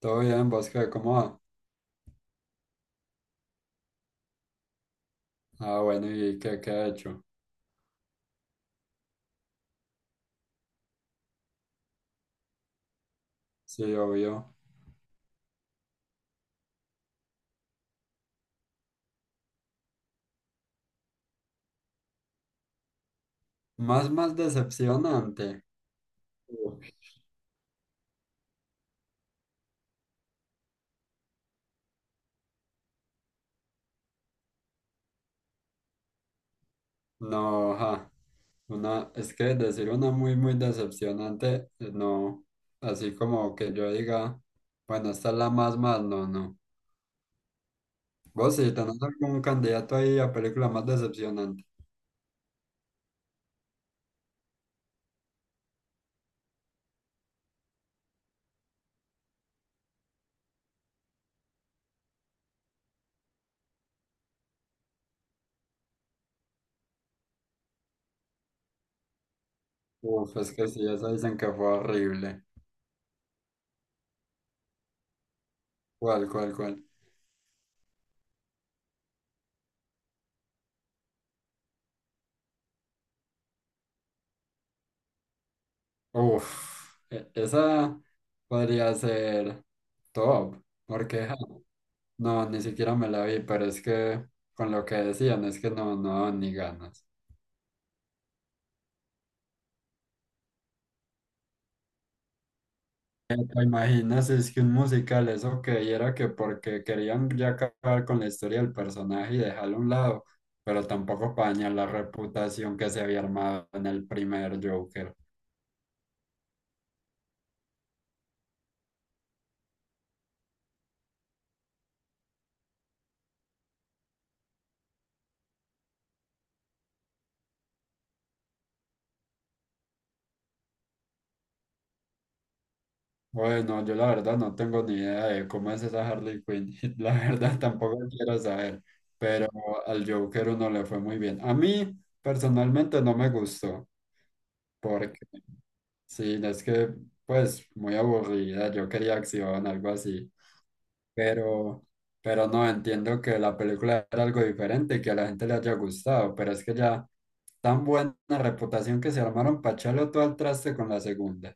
Todo bien, ¿vos qué? ¿Cómo va? Ah, bueno, ¿y qué, ha hecho? Sí, obvio. Más, más decepcionante. Uf. No, ja. Una, es que decir una muy decepcionante, no. Así como que yo diga, bueno, esta es la más, más, no. Vos sí, tenés algún candidato ahí a película más decepcionante. Uf, es que sí, esa dicen que fue horrible. ¿Cuál, cuál, cuál? Uf, esa podría ser top. Porque, No, ni siquiera me la vi, pero es que con lo que decían es que no, no daban ni ganas. ¿Te imaginas? Es que un musical, eso que era que porque querían ya acabar con la historia del personaje y dejarlo a un lado, pero tampoco para dañar la reputación que se había armado en el primer Joker. Bueno, yo la verdad no tengo ni idea de cómo es esa Harley Quinn, la verdad tampoco quiero saber, pero al Joker uno le fue muy bien. A mí personalmente no me gustó. Porque Sí, es que, pues, muy aburrida. Yo quería acción, algo así. Pero, pero no, entiendo que la película era algo diferente y que a la gente le haya gustado. Pero es que ya, tan buena reputación que se armaron para echarlo todo al traste con la segunda.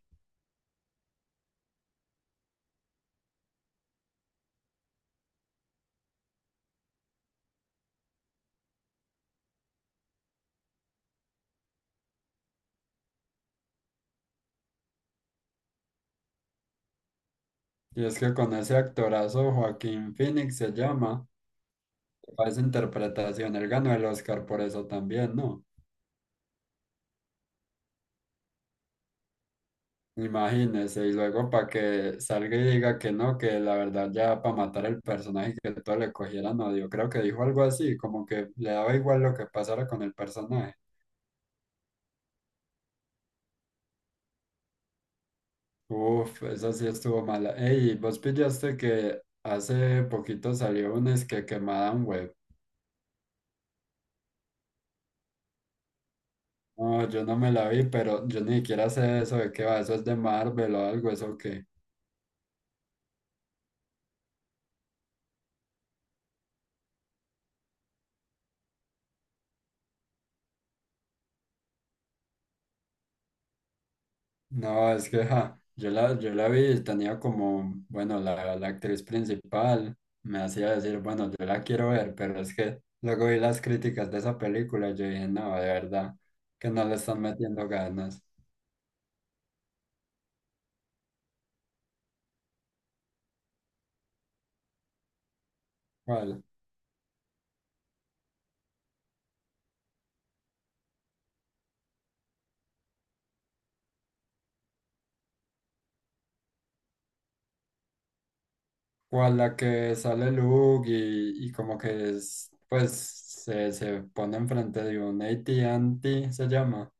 Y es que con ese actorazo, Joaquín Phoenix se llama, para esa interpretación, él ganó el Oscar por eso también, ¿no? Imagínese, y luego para que salga y diga que no, que la verdad ya para matar el personaje que todo le cogieran odio, creo que dijo algo así, como que le daba igual lo que pasara con el personaje. Uf, eso sí estuvo mala. Ey, vos pillaste que hace poquito salió un es que Madame Web. No, yo no me la vi, pero yo ni siquiera sé eso de qué va, eso es de Marvel o algo, eso que. No, es que ja, yo la vi, y tenía como, bueno, la actriz principal me hacía decir, bueno, yo la quiero ver, pero es que luego vi las críticas de esa película y yo dije, no, de verdad, que no le están metiendo ganas. ¿Cuál? ¿Cuál la que sale Luke y como que es, pues se pone enfrente de un AT&T, se llama?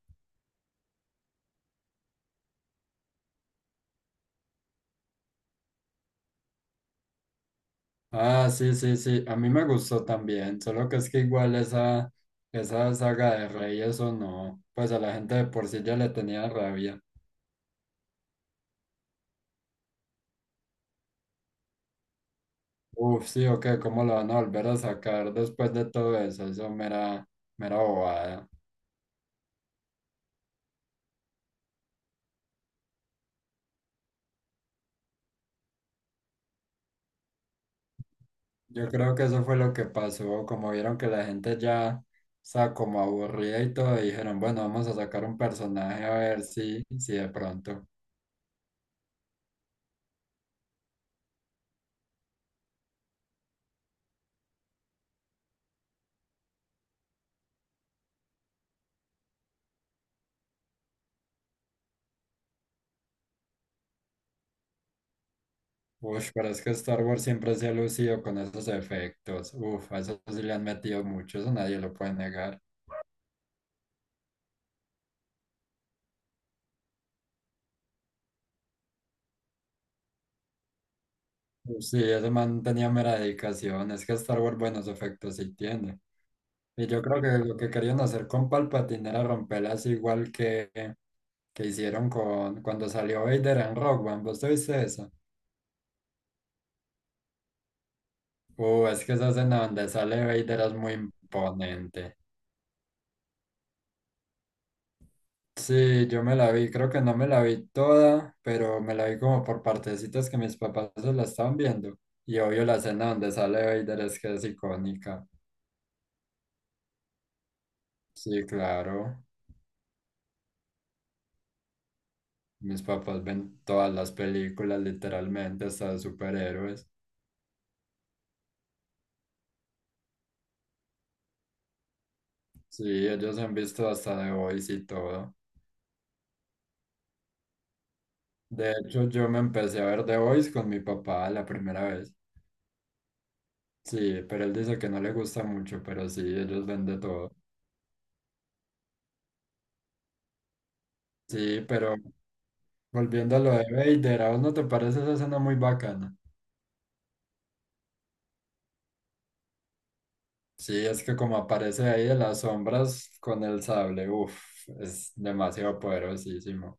Ah, sí, sí, sí, a mí me gustó también, solo que es que igual esa, esa saga de Rey, eso no, pues a la gente de por sí ya le tenía rabia. Uf, sí, ok, ¿cómo lo van a volver a sacar después de todo eso? Eso mera, mera bobada. Yo creo que eso fue lo que pasó, como vieron que la gente ya está como aburrida y todo, dijeron, bueno, vamos a sacar un personaje a ver si de pronto. Uf, pero es que Star Wars siempre se ha lucido con esos efectos. Uf, a eso sí le han metido mucho, eso nadie lo puede negar. Uf, Sí, ese man tenía mera dedicación. Es que Star Wars buenos efectos sí tiene. Y yo creo que lo que querían hacer con Palpatine era romperlas igual que hicieron con cuando salió Vader en Rogue One. ¿Vos te viste eso? Es que esa escena donde sale Vader es muy imponente. Sí, yo me la vi, creo que no me la vi toda, pero me la vi como por partecitas que mis papás se la estaban viendo. Y obvio la escena donde sale Vader es que es icónica. Sí, claro, mis papás ven todas las películas literalmente, hasta de superhéroes. Sí, ellos han visto hasta The Boys y todo. De hecho, yo me empecé a ver The Boys con mi papá la primera vez. Sí, pero él dice que no le gusta mucho, pero sí, ellos ven de todo. Sí, Volviendo a lo de Vader, ¿a vos no te parece esa escena muy bacana? Sí, es que como aparece ahí de las sombras con el sable, uff, es demasiado poderosísimo.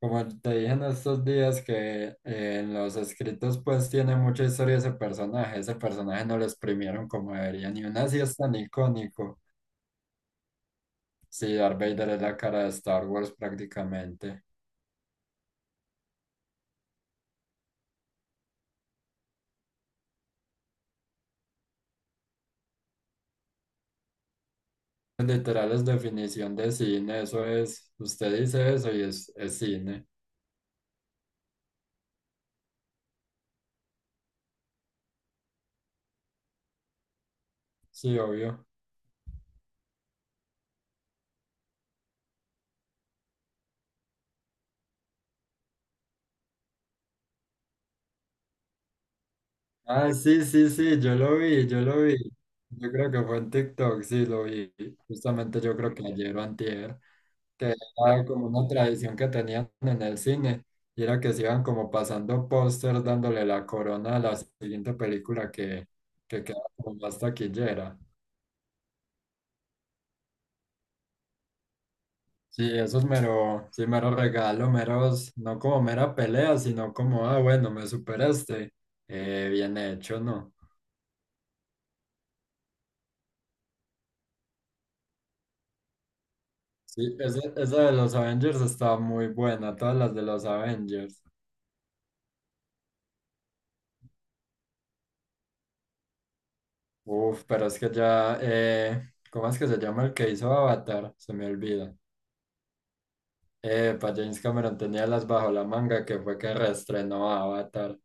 Como te dije en estos días que en los escritos pues tiene mucha historia ese personaje no lo exprimieron como deberían y aún así es tan icónico. Sí, Darth Vader es la cara de Star Wars prácticamente. Literal es definición de cine, eso es, usted dice eso y es cine, sí, obvio. Ah, sí, sí, sí, yo lo vi, yo lo vi. Yo creo que fue en TikTok, sí, lo vi. Justamente yo creo que ayer o antier, que era como una tradición que tenían en el cine, y era que se iban como pasando póster dándole la corona a la siguiente película que quedaba como más taquillera. Sí, eso es mero, sí, mero regalo, meros, no como mera pelea, sino como, ah, bueno, me superaste. Bien hecho, ¿no? Sí, esa de los Avengers está muy buena, todas las de los Avengers. Uf, pero es que ya, ¿cómo es que se llama el que hizo Avatar? Se me olvida. Para James Cameron tenía las bajo la manga que fue que reestrenó Avatar.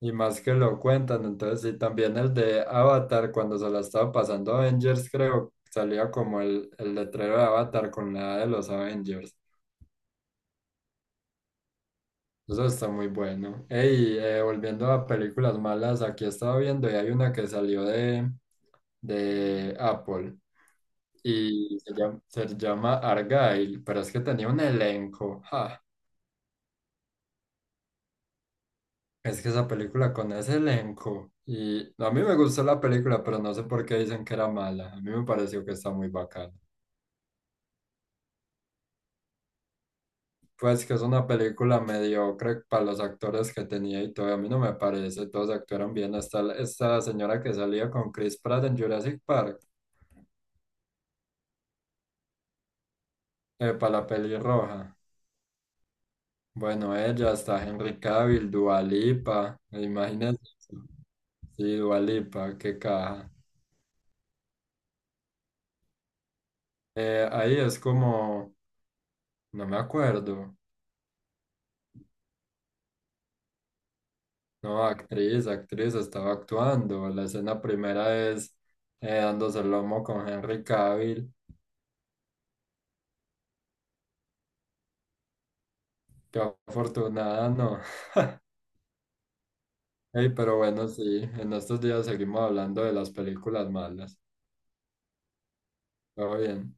Y más que lo cuentan, entonces sí, también el de Avatar, cuando se la estaba pasando Avengers, creo, salía como el letrero de Avatar con la A de los Avengers. Eso está muy bueno. Ey, volviendo a películas malas, aquí estaba viendo y hay una que salió de Apple y se llama Argyle, pero es que tenía un elenco. Ja, es que esa película con ese elenco. Y no, a mí me gustó la película, pero no sé por qué dicen que era mala. A mí me pareció que está muy bacana. Pues que es una película mediocre para los actores que tenía y todo. A mí no me parece, todos actuaron bien. Hasta esta señora que salía con Chris Pratt en Jurassic Park, para la peli roja. Bueno, ella está Henry Cavill, Dua Lipa, imagínense. Sí, Dua Lipa, qué caja. Ahí es como, no me acuerdo, no, actriz, actriz, estaba actuando. La escena primera es dándose el lomo con Henry Cavill. Qué afortunada, no. Ey, pero bueno, sí, en estos días seguimos hablando de las películas malas. Todo bien.